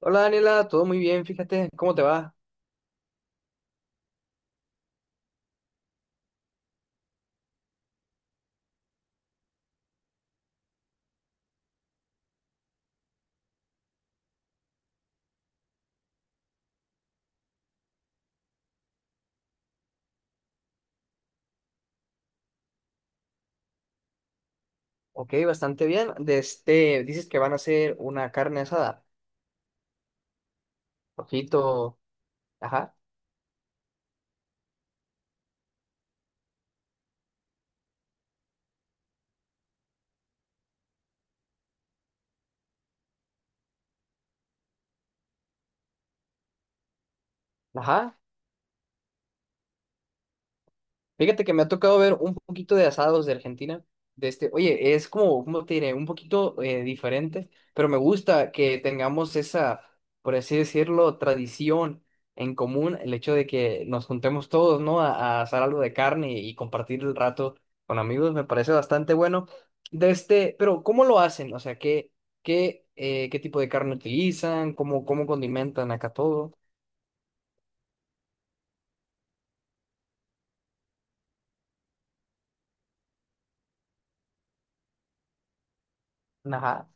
Hola Daniela, todo muy bien, fíjate, ¿cómo te va? Ok, bastante bien. De este, dices que van a hacer una carne asada, ojito, ajá, ajá, fíjate que me ha tocado ver un poquito de asados de Argentina. De este, oye, es como, ¿cómo te diré? Un poquito diferente, pero me gusta que tengamos esa, por así decirlo, tradición en común, el hecho de que nos juntemos todos, ¿no? A asar algo de carne y compartir el rato con amigos, me parece bastante bueno. De este, pero ¿cómo lo hacen? O sea, ¿qué tipo de carne utilizan? ¿Cómo, cómo condimentan acá todo? Ajá.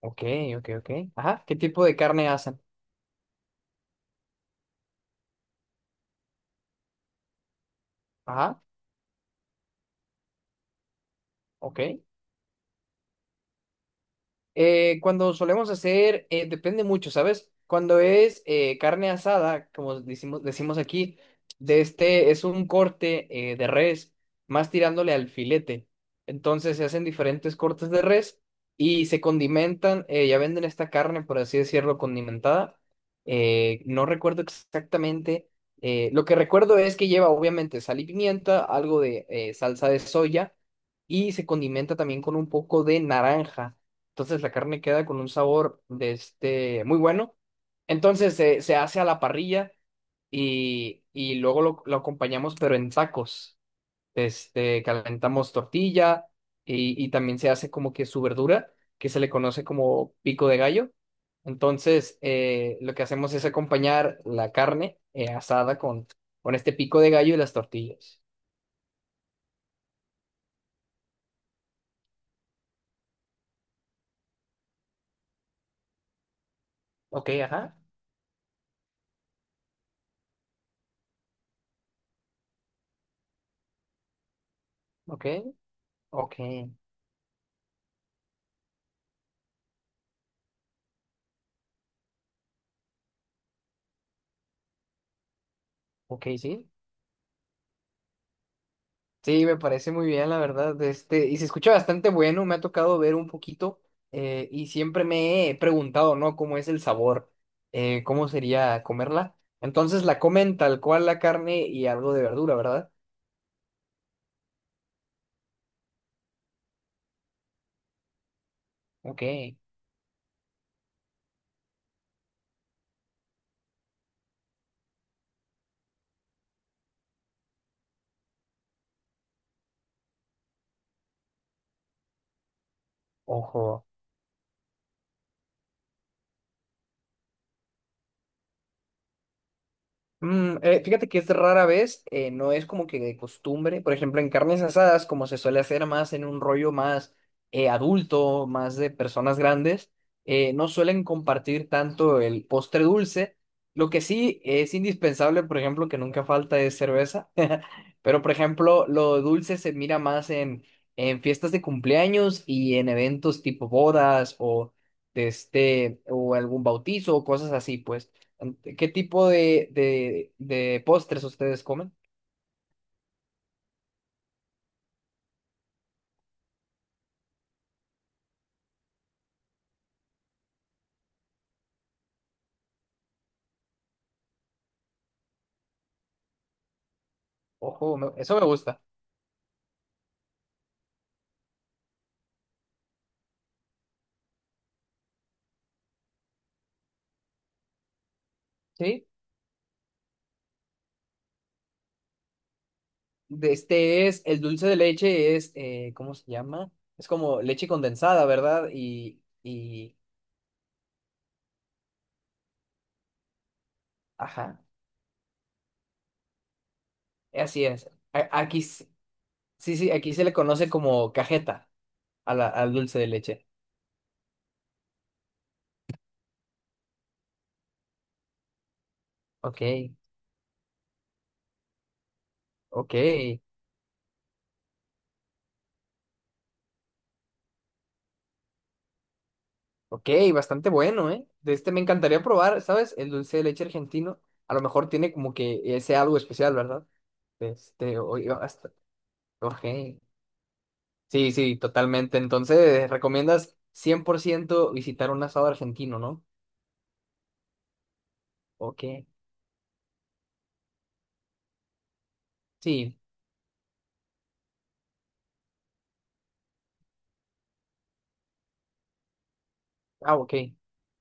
Ok, ok, ok. Ajá. ¿Qué tipo de carne hacen? Ajá. Ok. Cuando solemos hacer, depende mucho, ¿sabes? Cuando es carne asada, como decimos, decimos aquí, de este es un corte de res, más tirándole al filete. Entonces se hacen diferentes cortes de res y se condimentan, ya venden esta carne, por así decirlo, condimentada. No recuerdo exactamente. Lo que recuerdo es que lleva obviamente sal y pimienta, algo de salsa de soya y se condimenta también con un poco de naranja. Entonces la carne queda con un sabor de este muy bueno. Entonces se hace a la parrilla y luego lo acompañamos, pero en tacos. Este, calentamos tortilla y también se hace como que su verdura, que se le conoce como pico de gallo. Entonces, lo que hacemos es acompañar la carne asada con este pico de gallo y las tortillas. Ok, ajá. Ok, ok, ok, sí. Sí, me parece muy bien, la verdad. Este, y se escucha bastante bueno, me ha tocado ver un poquito y siempre me he preguntado, ¿no? ¿Cómo es el sabor? ¿Cómo sería comerla? Entonces la comen tal cual la carne y algo de verdura, ¿verdad? Ok, ojo. Fíjate que es rara vez, no es como que de costumbre. Por ejemplo, en carnes asadas, como se suele hacer más en un rollo más adulto, más de personas grandes, no suelen compartir tanto el postre dulce. Lo que sí es indispensable, por ejemplo, que nunca falta es cerveza. Pero, por ejemplo, lo dulce se mira más en fiestas de cumpleaños y en eventos tipo bodas o, de este, o algún bautizo o cosas así, pues. ¿Qué tipo de postres ustedes comen? Ojo, eso me gusta. ¿Sí? De este es, el dulce de leche es, ¿cómo se llama? Es como leche condensada, ¿verdad? Y, ajá, así es. Aquí, sí, sí, aquí se le conoce como cajeta al dulce de leche. Ok, ok, ok, bastante bueno, ¿eh? De este me encantaría probar, ¿sabes? El dulce de leche argentino. A lo mejor tiene como que ese algo especial, ¿verdad? Este, ok. Sí, sí, totalmente. Entonces, recomiendas 100% visitar un asado argentino, ¿no? Ok. Sí. Ah, ok.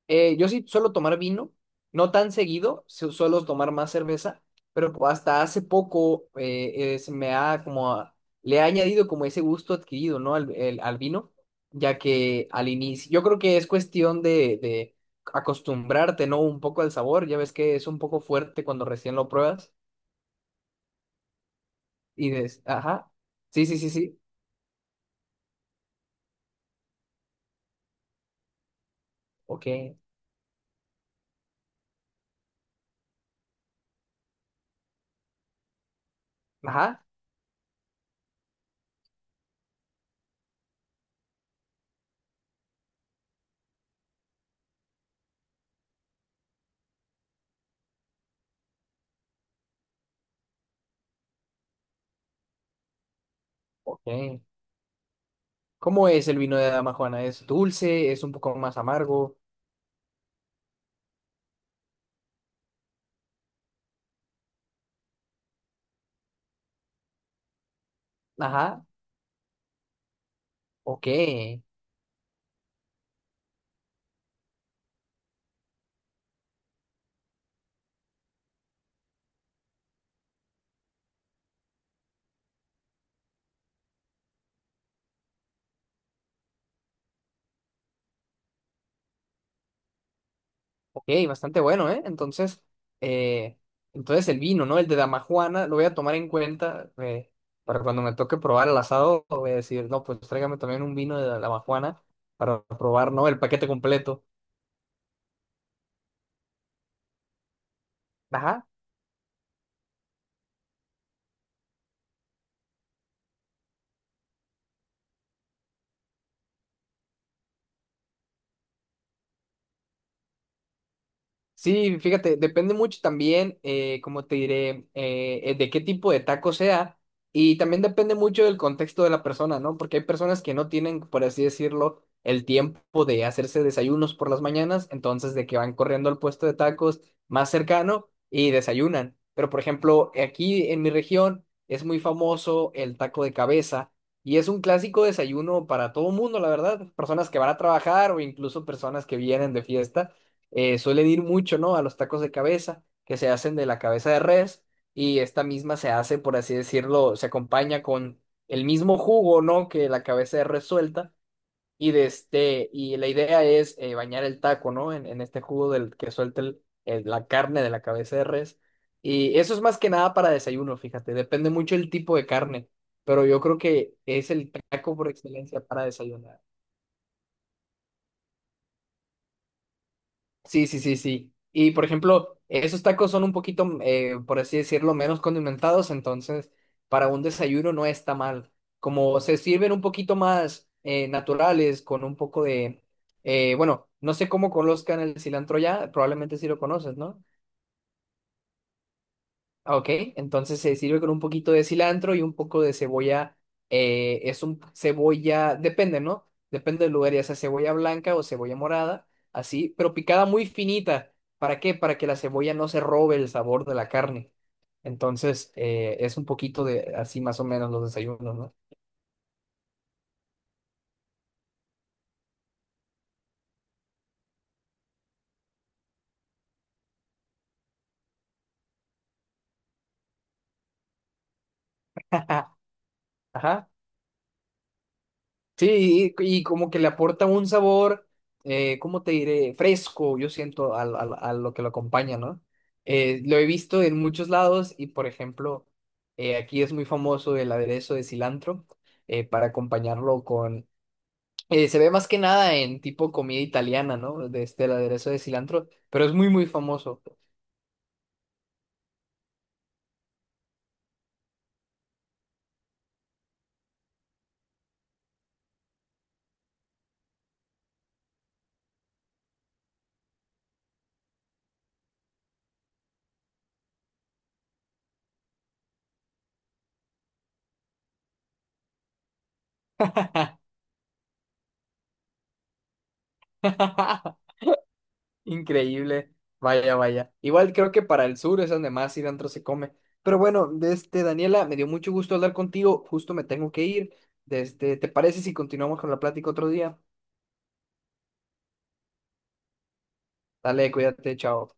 Yo sí suelo tomar vino, no tan seguido, suelo tomar más cerveza, pero hasta hace poco se me ha como, le he añadido como ese gusto adquirido, ¿no? Al, al vino, ya que al inicio, yo creo que es cuestión de acostumbrarte, ¿no? Un poco al sabor, ya ves que es un poco fuerte cuando recién lo pruebas. Y des, ajá. Sí, sí, sí, sí. Ok. Ajá. Ok. ¿Cómo es el vino de Dama Juana? ¿Es dulce? ¿Es un poco más amargo? Ajá. Ok. Ok, bastante bueno, ¿eh? Entonces, eh, entonces el vino, ¿no? El de Dama Juana, lo voy a tomar en cuenta para cuando me toque probar el asado, voy a decir, no, pues tráigame también un vino de Dama Juana para probar, ¿no? El paquete completo. Ajá. Sí, fíjate, depende mucho también, como te diré, de qué tipo de taco sea y también depende mucho del contexto de la persona, ¿no? Porque hay personas que no tienen, por así decirlo, el tiempo de hacerse desayunos por las mañanas, entonces de que van corriendo al puesto de tacos más cercano y desayunan. Pero, por ejemplo, aquí en mi región es muy famoso el taco de cabeza y es un clásico desayuno para todo mundo, la verdad, personas que van a trabajar o incluso personas que vienen de fiesta suelen ir mucho, ¿no? A los tacos de cabeza, que se hacen de la cabeza de res, y esta misma se hace, por así decirlo, se acompaña con el mismo jugo, ¿no? Que la cabeza de res suelta, y de este, y la idea es bañar el taco, ¿no? En este jugo del que suelta la carne de la cabeza de res. Y eso es más que nada para desayuno, fíjate, depende mucho el tipo de carne, pero yo creo que es el taco por excelencia para desayunar. Sí, sí, sí, sí. Y por ejemplo, esos tacos son un poquito, por así decirlo, menos condimentados, entonces para un desayuno no está mal. Como se sirven un poquito más naturales, con un poco de, bueno, no sé cómo conozcan el cilantro ya, probablemente sí lo conoces, ¿no? Ah, ok, entonces se sirve con un poquito de cilantro y un poco de cebolla. Es un cebolla, depende, ¿no? Depende del lugar, ya sea cebolla blanca o cebolla morada, así, pero picada muy finita. ¿Para qué? Para que la cebolla no se robe el sabor de la carne. Entonces, es un poquito de así más o menos los desayunos, ¿no? Ajá. Sí, y como que le aporta un sabor, ¿cómo te diré? Fresco, yo siento, a lo que lo acompaña, ¿no? Lo he visto en muchos lados y, por ejemplo, aquí es muy famoso el aderezo de cilantro para acompañarlo con... se ve más que nada en tipo comida italiana, ¿no? De este, el aderezo de cilantro, pero es muy, muy famoso. Increíble. Vaya, vaya. Igual creo que para el sur es donde más cilantro se come. Pero bueno, de este Daniela, me dio mucho gusto hablar contigo. Justo me tengo que ir. Desde, ¿te parece si continuamos con la plática otro día? Dale, cuídate, chao.